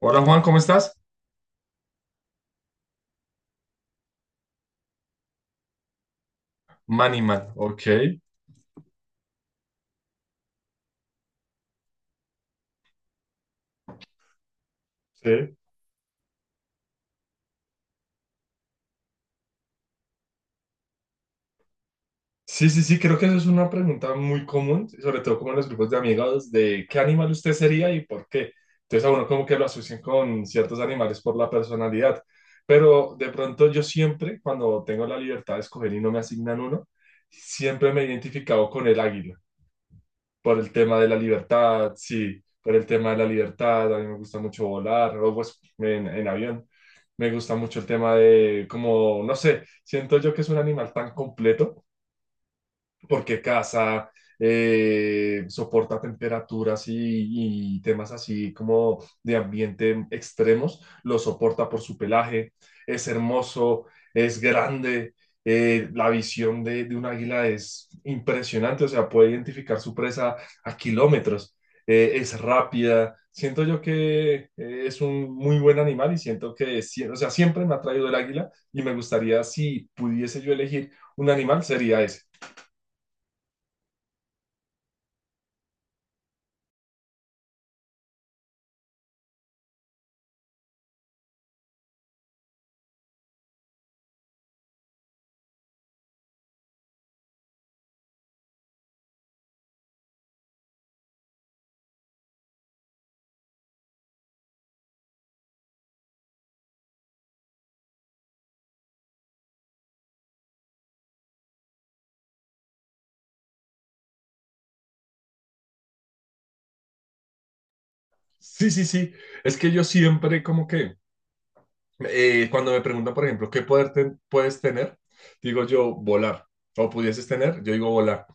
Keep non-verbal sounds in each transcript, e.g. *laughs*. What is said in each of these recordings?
Hola Juan, ¿cómo estás? Maniman, ok. Sí. Sí, sí, sí, creo que eso es una pregunta muy común, sobre todo como en los grupos de amigos, de qué animal usted sería y por qué. Entonces a uno como que lo asocian con ciertos animales por la personalidad. Pero de pronto yo siempre, cuando tengo la libertad de escoger y no me asignan uno, siempre me he identificado con el águila. Por el tema de la libertad, sí, por el tema de la libertad, a mí me gusta mucho volar, o pues en avión, me gusta mucho el tema de, como, no sé, siento yo que es un animal tan completo porque casa, soporta temperaturas y temas así como de ambiente extremos, lo soporta por su pelaje, es hermoso, es grande, la visión de un águila es impresionante, o sea, puede identificar su presa a kilómetros, es rápida. Siento yo que, es un muy buen animal y siento que, sie- o sea, siempre me ha traído el águila y me gustaría, si pudiese yo elegir un animal, sería ese. Sí, sí, sí. Es que yo siempre como que, cuando me preguntan, por ejemplo, ¿qué poder ten- puedes tener? Digo yo, volar. O pudieses tener, yo digo volar.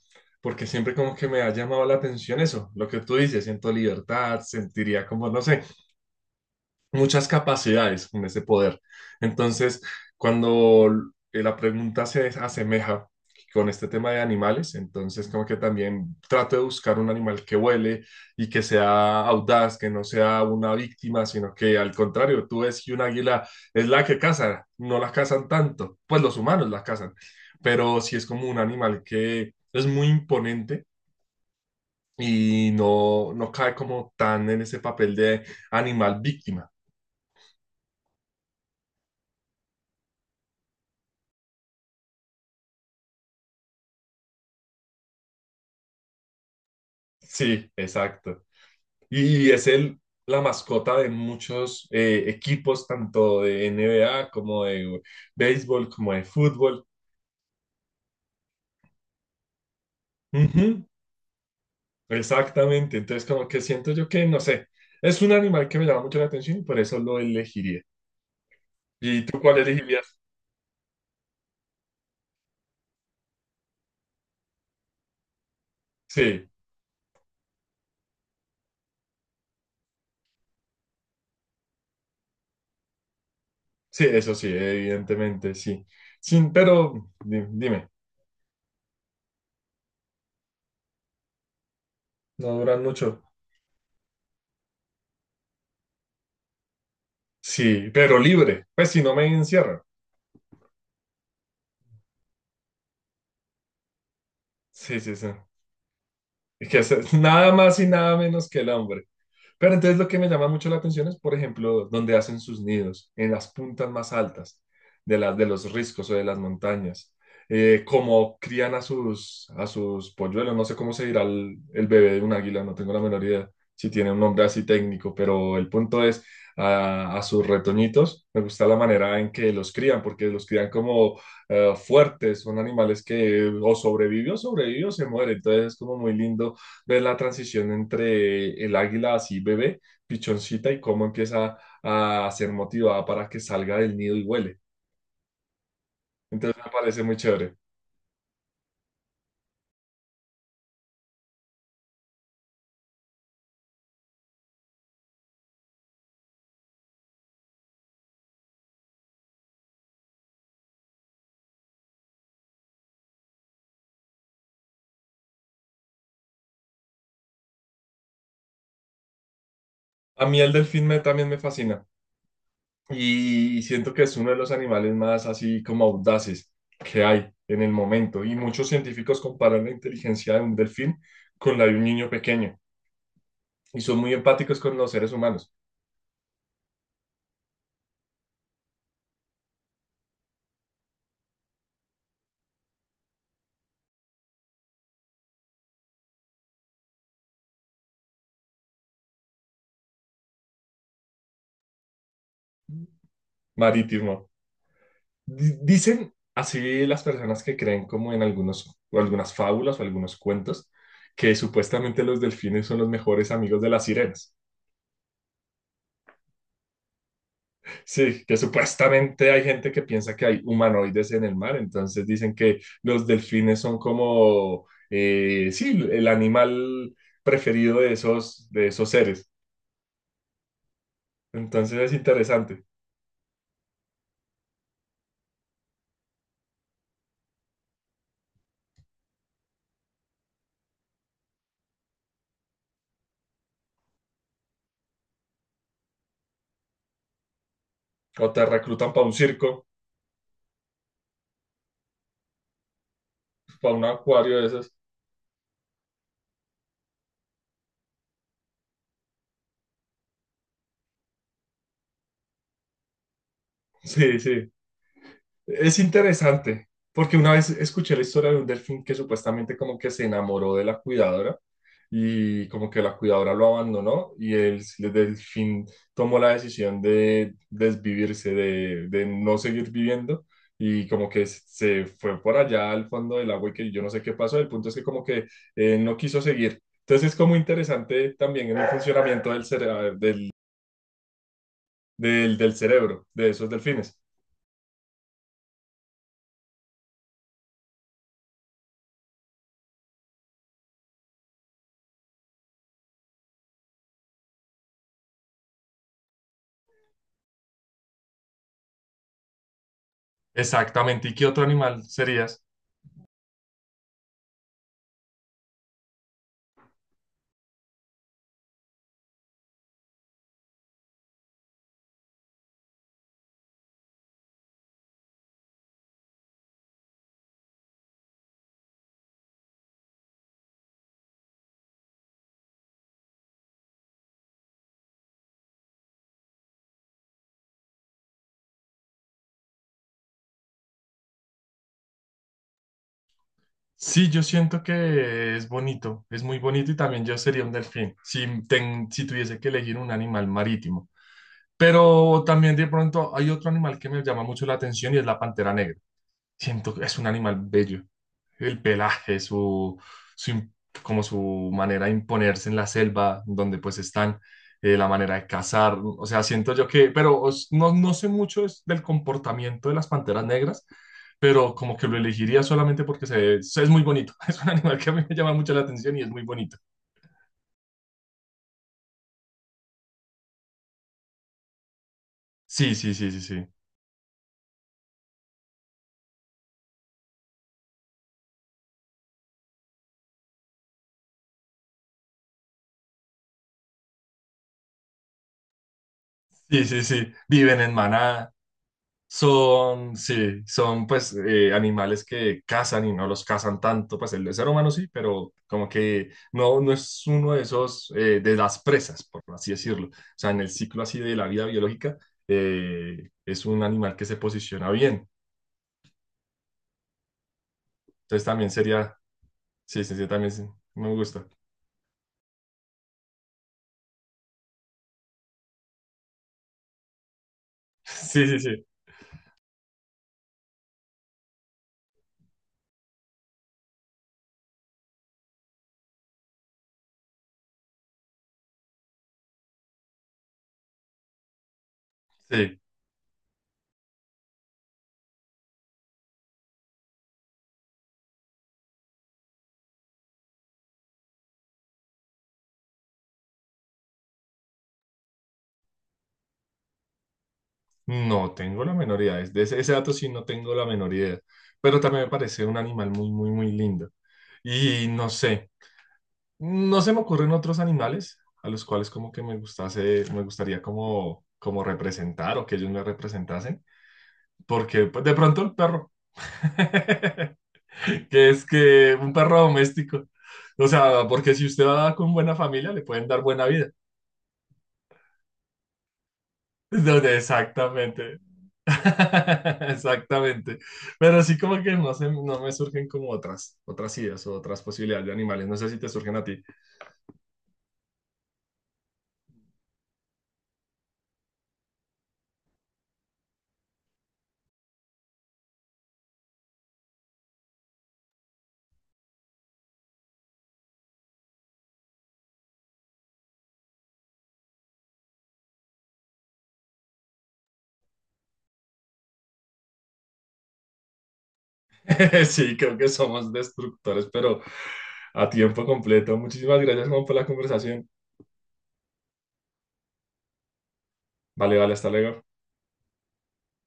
Porque siempre como que me ha llamado la atención eso, lo que tú dices, siento libertad, sentiría como, no sé, muchas capacidades con ese poder. Entonces, cuando la pregunta se asemeja con este tema de animales, entonces como que también trato de buscar un animal que huele y que sea audaz, que no sea una víctima, sino que al contrario, tú ves que un águila es la que caza, no la cazan tanto, pues los humanos la cazan, pero si es como un animal que es muy imponente y no, no cae como tan en ese papel de animal víctima. Sí, exacto. Y es el, la mascota de muchos equipos, tanto de NBA como de béisbol, como de fútbol. Ujú, exactamente. Entonces, como que siento yo que, no sé, es un animal que me llama mucho la atención y por eso lo elegiría. ¿Y tú cuál elegirías? Sí, sí, eso sí, evidentemente, sí. Sí, pero di- dime, no duran mucho. Sí, pero libre, pues si no me encierran. Sí, sí, sí. Es que es nada más y nada menos que el hambre. Pero entonces lo que me llama mucho la atención es, por ejemplo, donde hacen sus nidos, en las puntas más altas de las de los riscos o de las montañas. Cómo crían a a sus polluelos, no sé cómo se dirá el bebé de un águila, no tengo la menor idea si tiene un nombre así técnico, pero el punto es a sus retoñitos, me gusta la manera en que los crían, porque los crían como fuertes, son animales que o sobrevivió, sobrevivió, se muere, entonces es como muy lindo ver la transición entre el águila así bebé, pichoncita, y cómo empieza a ser motivada para que salga del nido y huele. Entonces me parece muy chévere. A mí el delfín me, también me fascina y siento que es uno de los animales más así como audaces que hay en el momento y muchos científicos comparan la inteligencia de un delfín con la de un niño pequeño y son muy empáticos con los seres humanos marítimos. Di- Dicen así las personas que creen como en algunos, o algunas fábulas o algunos cuentos, que supuestamente los delfines son los mejores amigos de las sirenas. Sí, que supuestamente hay gente que piensa que hay humanoides en el mar, entonces dicen que los delfines son como, sí, el animal preferido de esos seres. Entonces es interesante. O te reclutan para un circo, para un acuario de esos. Sí, sí. Es interesante, porque una vez escuché la historia de un delfín que supuestamente como que se enamoró de la cuidadora y como que la cuidadora lo abandonó y el delfín tomó la decisión de desvivirse, de no seguir viviendo y como que se fue por allá al fondo del agua y que yo no sé qué pasó. El punto es que como que no quiso seguir. Entonces es como interesante también en el funcionamiento del, cere- del cerebro de esos delfines. Exactamente. ¿Y qué otro animal serías? Sí, yo siento que es bonito, es muy bonito y también yo sería un delfín, si, ten- si tuviese que elegir un animal marítimo. Pero también de pronto hay otro animal que me llama mucho la atención y es la pantera negra. Siento que es un animal bello. El pelaje, su im- como su manera de imponerse en la selva donde pues están, la manera de cazar, o sea, siento yo que, pero os- no, no sé mucho es del comportamiento de las panteras negras, pero como que lo elegiría solamente porque se- es muy bonito, *laughs* es un animal que a mí me llama mucho la atención y es muy bonito. Sí, sí, sí, sí, sí. Sí, sí, sí. Viven en manada. Son, sí, son pues animales que cazan y no los cazan tanto, pues el ser humano sí, pero como que no, no es uno de esos, de las presas, por así decirlo. O sea, en el ciclo así de la vida biológica, es un animal que se posiciona bien. Entonces también sería, sí, sí, sí, también sí, me gusta. *laughs* Sí, sí, sí, sí. No tengo la menor idea. De ese dato sí no tengo la menor idea. Pero también me parece un animal muy, muy, muy lindo. Y no sé. No se me ocurren otros animales a los cuales como que me gustase, me gustaría como, como representar o que ellos me representasen, porque pues, de pronto el perro, *laughs* que es que un perro doméstico, o sea, porque si usted va con buena familia le pueden dar buena vida. Entonces, exactamente. *laughs* Exactamente. Pero sí como que no, se, no me surgen como otras, otras ideas o otras posibilidades de animales. No sé si te surgen a ti. *laughs* Sí, creo que somos destructores, pero a tiempo completo. Muchísimas gracias, Juan, por la conversación. Vale, vale, hasta luego.